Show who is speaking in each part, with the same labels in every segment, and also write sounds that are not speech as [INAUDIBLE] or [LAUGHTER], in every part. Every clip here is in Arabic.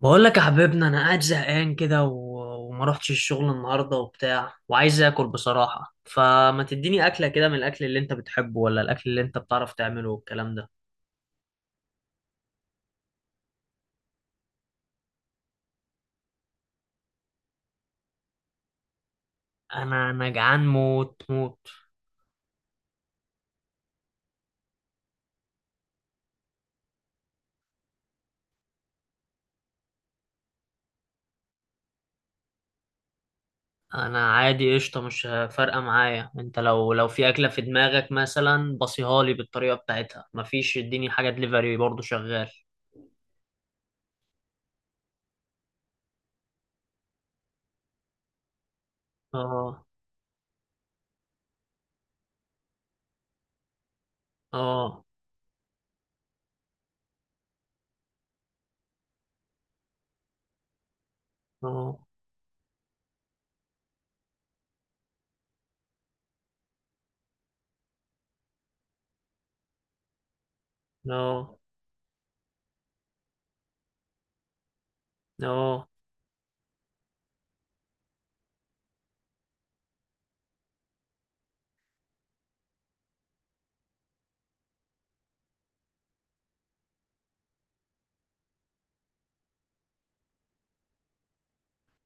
Speaker 1: بقول لك يا حبيبنا، انا قاعد زهقان كده وما رحتش الشغل النهارده وبتاع، وعايز اكل بصراحه. فما تديني اكله كده من الاكل اللي انت بتحبه، ولا الاكل اللي انت بتعرف تعمله والكلام ده. انا جعان موت موت. انا عادي قشطه، مش فارقه معايا. انت لو في اكله في دماغك مثلا بصيها لي بالطريقه بتاعتها، مفيش اديني حاجه دليفري برضه شغال. اه، اه، اه، اه،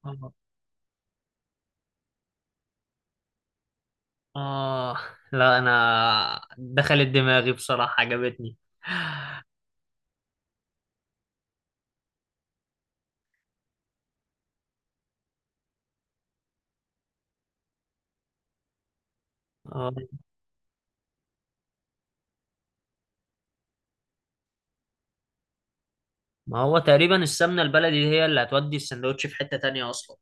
Speaker 1: اه. آه، لا، أنا دخلت دماغي بصراحة، عجبتني. آه. ما هو تقريبا السمنة البلدي هي اللي هتودي السندوتش في حتة تانية أصلا.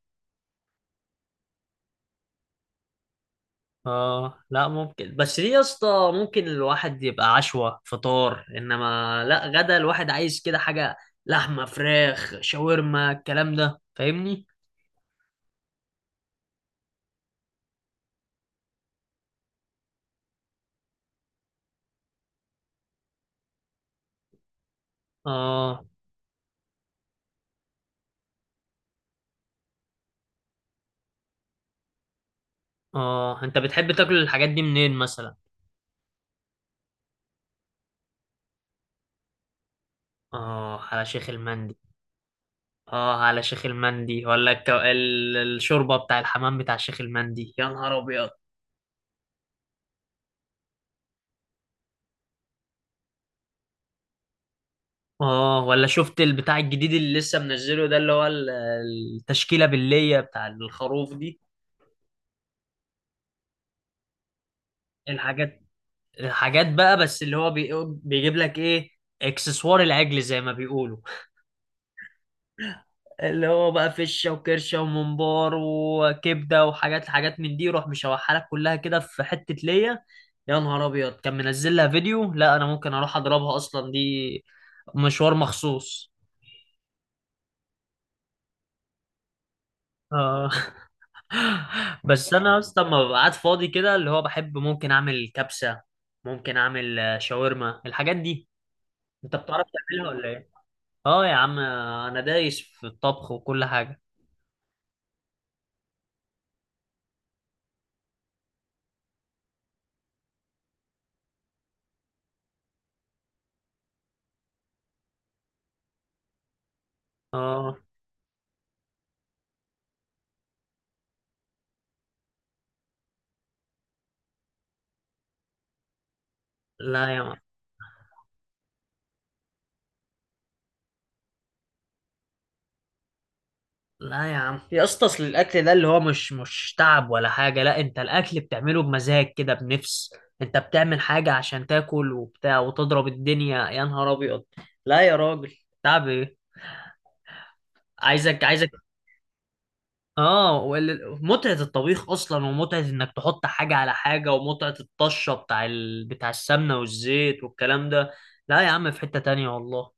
Speaker 1: آه، لا، ممكن، بس دي يا اسطى ممكن الواحد يبقى عشوة فطار، إنما لا، غدا الواحد عايز كده حاجة. لحمة، فراخ، شاورما، الكلام ده، فاهمني؟ آه، آه، أنت بتحب تاكل الحاجات دي منين مثلا؟ آه، على شيخ المندي. اه، على شيخ المندي، ولا الشوربه بتاع الحمام بتاع شيخ المندي؟ يا نهار ابيض. اه، ولا شفت البتاع الجديد اللي لسه منزله ده، اللي هو التشكيله بالليه بتاع الخروف دي؟ الحاجات الحاجات بقى، بس اللي هو بيجيب لك ايه، اكسسوار العجل زي ما بيقولوا. اللي هو بقى فشة وكرشة وممبار وكبدة وحاجات حاجات من دي، يروح مشوحها لك كلها كده في حتة ليا. يا نهار أبيض، كان منزل لها فيديو. لا، أنا ممكن أروح أضربها أصلا، دي مشوار مخصوص. آه. [LAUGHS] بس أنا أصلا ما ببقى قاعد فاضي كده، اللي هو بحب ممكن أعمل كبسة، ممكن أعمل شاورما، الحاجات دي. أنت بتعرف تعملها ولا إيه؟ آه يا عم، أنا دايس في الطبخ وكل حاجة. آه. لا يا لا يا عم يا اسطى، اصل الاكل ده اللي هو مش تعب ولا حاجه. لا، انت الاكل بتعمله بمزاج كده، بنفس. انت بتعمل حاجه عشان تاكل وبتاع وتضرب الدنيا، يا نهار ابيض. لا يا راجل، تعب ايه؟ عايزك عايزك. اه، متعه الطبيخ اصلا، ومتعه انك تحط حاجه على حاجه، ومتعه الطشه بتاع بتاع السمنه والزيت والكلام ده. لا يا عم، في حته تانية والله.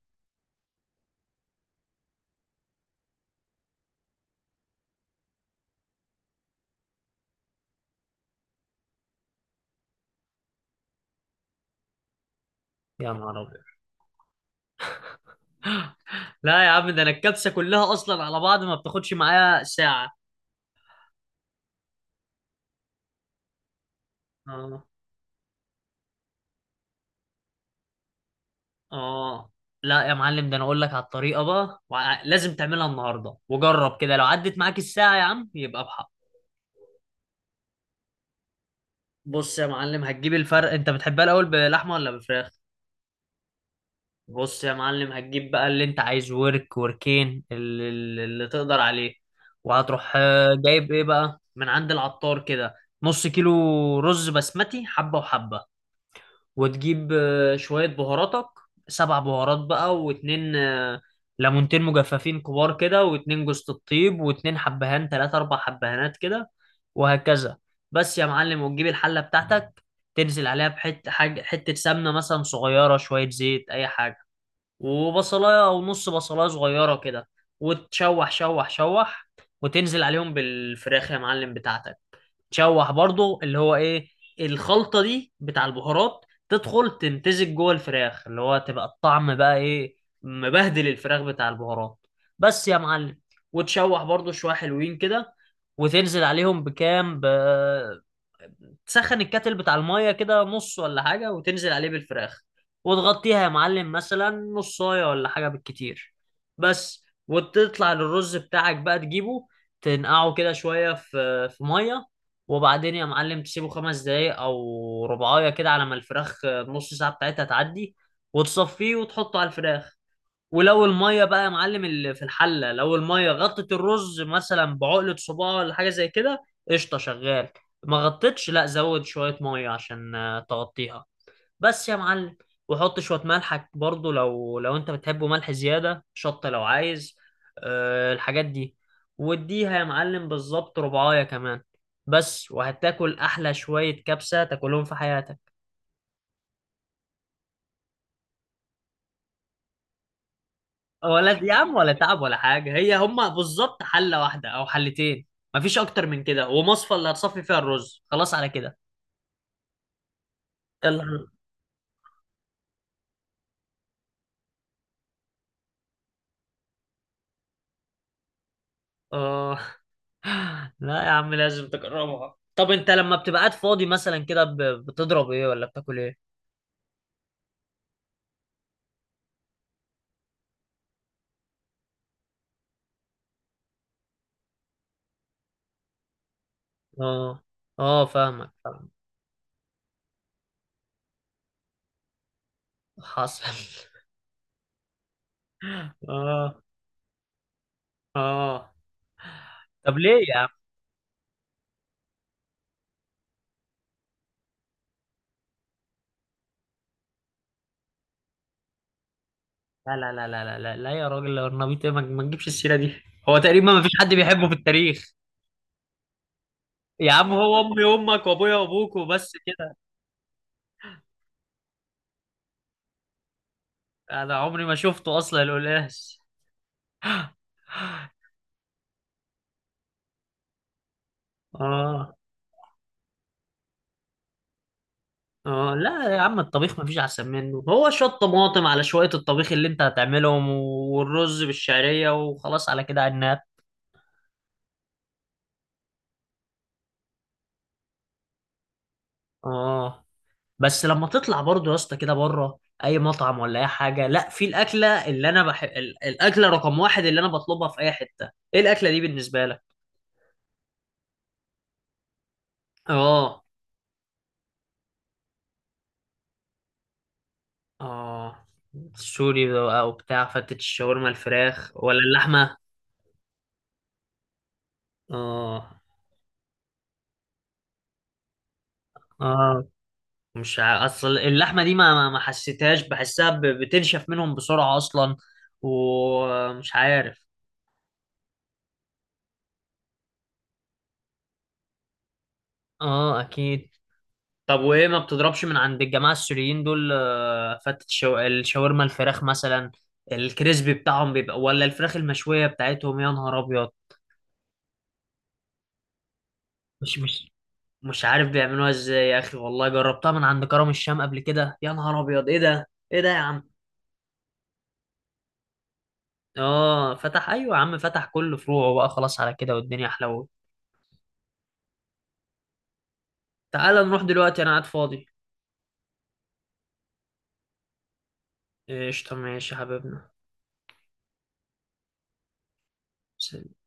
Speaker 1: يا نهار ابيض، لا يا عم، ده انا الكبسه كلها اصلا على بعض ما بتاخدش معايا ساعه. اه، اه. لا يا معلم، ده انا اقول لك على الطريقه بقى، لازم تعملها النهارده، وجرب كده، لو عدت معاك الساعه يا عم يبقى بحق. بص يا معلم، هتجيب الفرق، انت بتحبها الاول بلحمه ولا بفراخ؟ بص يا معلم، هتجيب بقى اللي انت عايز، ورك، وركين، اللي تقدر عليه. وهتروح جايب ايه بقى من عند العطار كده. نص كيلو رز بسمتي، حبه وحبه. وتجيب شوية بهاراتك، سبع بهارات بقى، واتنين ليمونتين مجففين كبار كده، واتنين جوز الطيب، واتنين حبهان، تلاتة أربع حبهانات كده، وهكذا. بس يا معلم، وتجيب الحلة بتاعتك، تنزل عليها بحتة حاجة، حتة سمنة مثلا صغيرة، شوية زيت، أي حاجة. وبصلاية أو نص بصلاية صغيرة كده، وتشوح شوح شوح. وتنزل عليهم بالفراخ يا معلم بتاعتك، تشوح برضو، اللي هو ايه، الخلطة دي بتاع البهارات تدخل تمتزج جوه الفراخ، اللي هو تبقى الطعم بقى ايه، مبهدل الفراخ بتاع البهارات. بس يا معلم، وتشوح برضو شوية حلوين كده، وتنزل عليهم بكام تسخن الكاتل بتاع الميه كده نص ولا حاجه، وتنزل عليه بالفراخ، وتغطيها يا معلم مثلا نصايه ولا حاجه بالكتير. بس، وتطلع للرز بتاعك بقى، تجيبه تنقعه كده شويه في ميه، وبعدين يا معلم تسيبه 5 دقايق او ربعايه كده، على ما الفراخ نص ساعه بتاعتها تعدي، وتصفيه وتحطه على الفراخ. ولو الميه بقى يا معلم اللي في الحله، لو الميه غطت الرز مثلا بعقله صباع ولا حاجه زي كده، قشطه شغال. ما غطتش، لا زود شويه ميه عشان تغطيها. بس يا معلم، وحط شويه ملحك برضو، لو انت بتحبه ملح زياده، شطه لو عايز، أه الحاجات دي. واديها يا معلم بالظبط ربعايه كمان، بس، وهتاكل احلى شويه كبسه تاكلهم في حياتك. ولا يا عم، ولا تعب ولا حاجة، هي هما بالظبط حلة واحدة أو حلتين، مفيش أكتر من كده، ومصفى اللي هتصفي فيها الرز، خلاص على كده. يلا. آه. [LAUGHS] [SIGHS] لا يا عم، لازم تجربها. طب أنت لما بتبقى قاعد فاضي مثلا كده، بتضرب إيه ولا بتاكل إيه؟ آه، آه، فاهمك فاهمك. حصل. [LAUGHS] آه، آه. طب ليه يا عم؟ لا، لا، لا، لا، لا، لا، لا، يا راجل، الأرنبيط إيه؟ ما تجيبش السيرة دي، هو تقريبا مفيش حد بيحبه في التاريخ. يا عم هو أمي وأمك وأبويا وأبوك وبس كده. انا عمري ما شفته اصلا القلقاس. اه، اه، لا يا عم، الطبيخ مفيش احسن منه، هو شويه طماطم على شويه الطبيخ اللي انت هتعملهم، والرز بالشعريه، وخلاص على كده، عناب. اه. بس لما تطلع برضه يا اسطى كده بره، اي مطعم ولا اي حاجه، لا في الاكله اللي انا بحب، الاكله رقم واحد اللي انا بطلبها في اي حته، ايه الاكله دي بالنسبه لك؟ اه. اه، سوري بقى وبتاع، فتت الشاورما الفراخ ولا اللحمه؟ اه. اه، مش ع- اصل اللحمه دي ما حسيتهاش، بحسها بتنشف منهم بسرعه اصلا، ومش عارف. اه اكيد. طب وايه، ما بتضربش من عند الجماعه السوريين دول فتة الشاورما الفراخ مثلا؟ الكريسبي بتاعهم بيبقى، ولا الفراخ المشويه بتاعتهم؟ يا نهار ابيض. مش مش مش عارف بيعملوها ازاي يا اخي، والله جربتها من عند كرم الشام قبل كده، يا نهار ابيض، ايه ده ايه ده يا عم. اه، فتح، ايوه يا عم، فتح كل فروعه بقى، خلاص على كده والدنيا احلى. تعالى نروح دلوقتي، انا قاعد فاضي. قشطة، ماشي يا حبيبنا. سلام.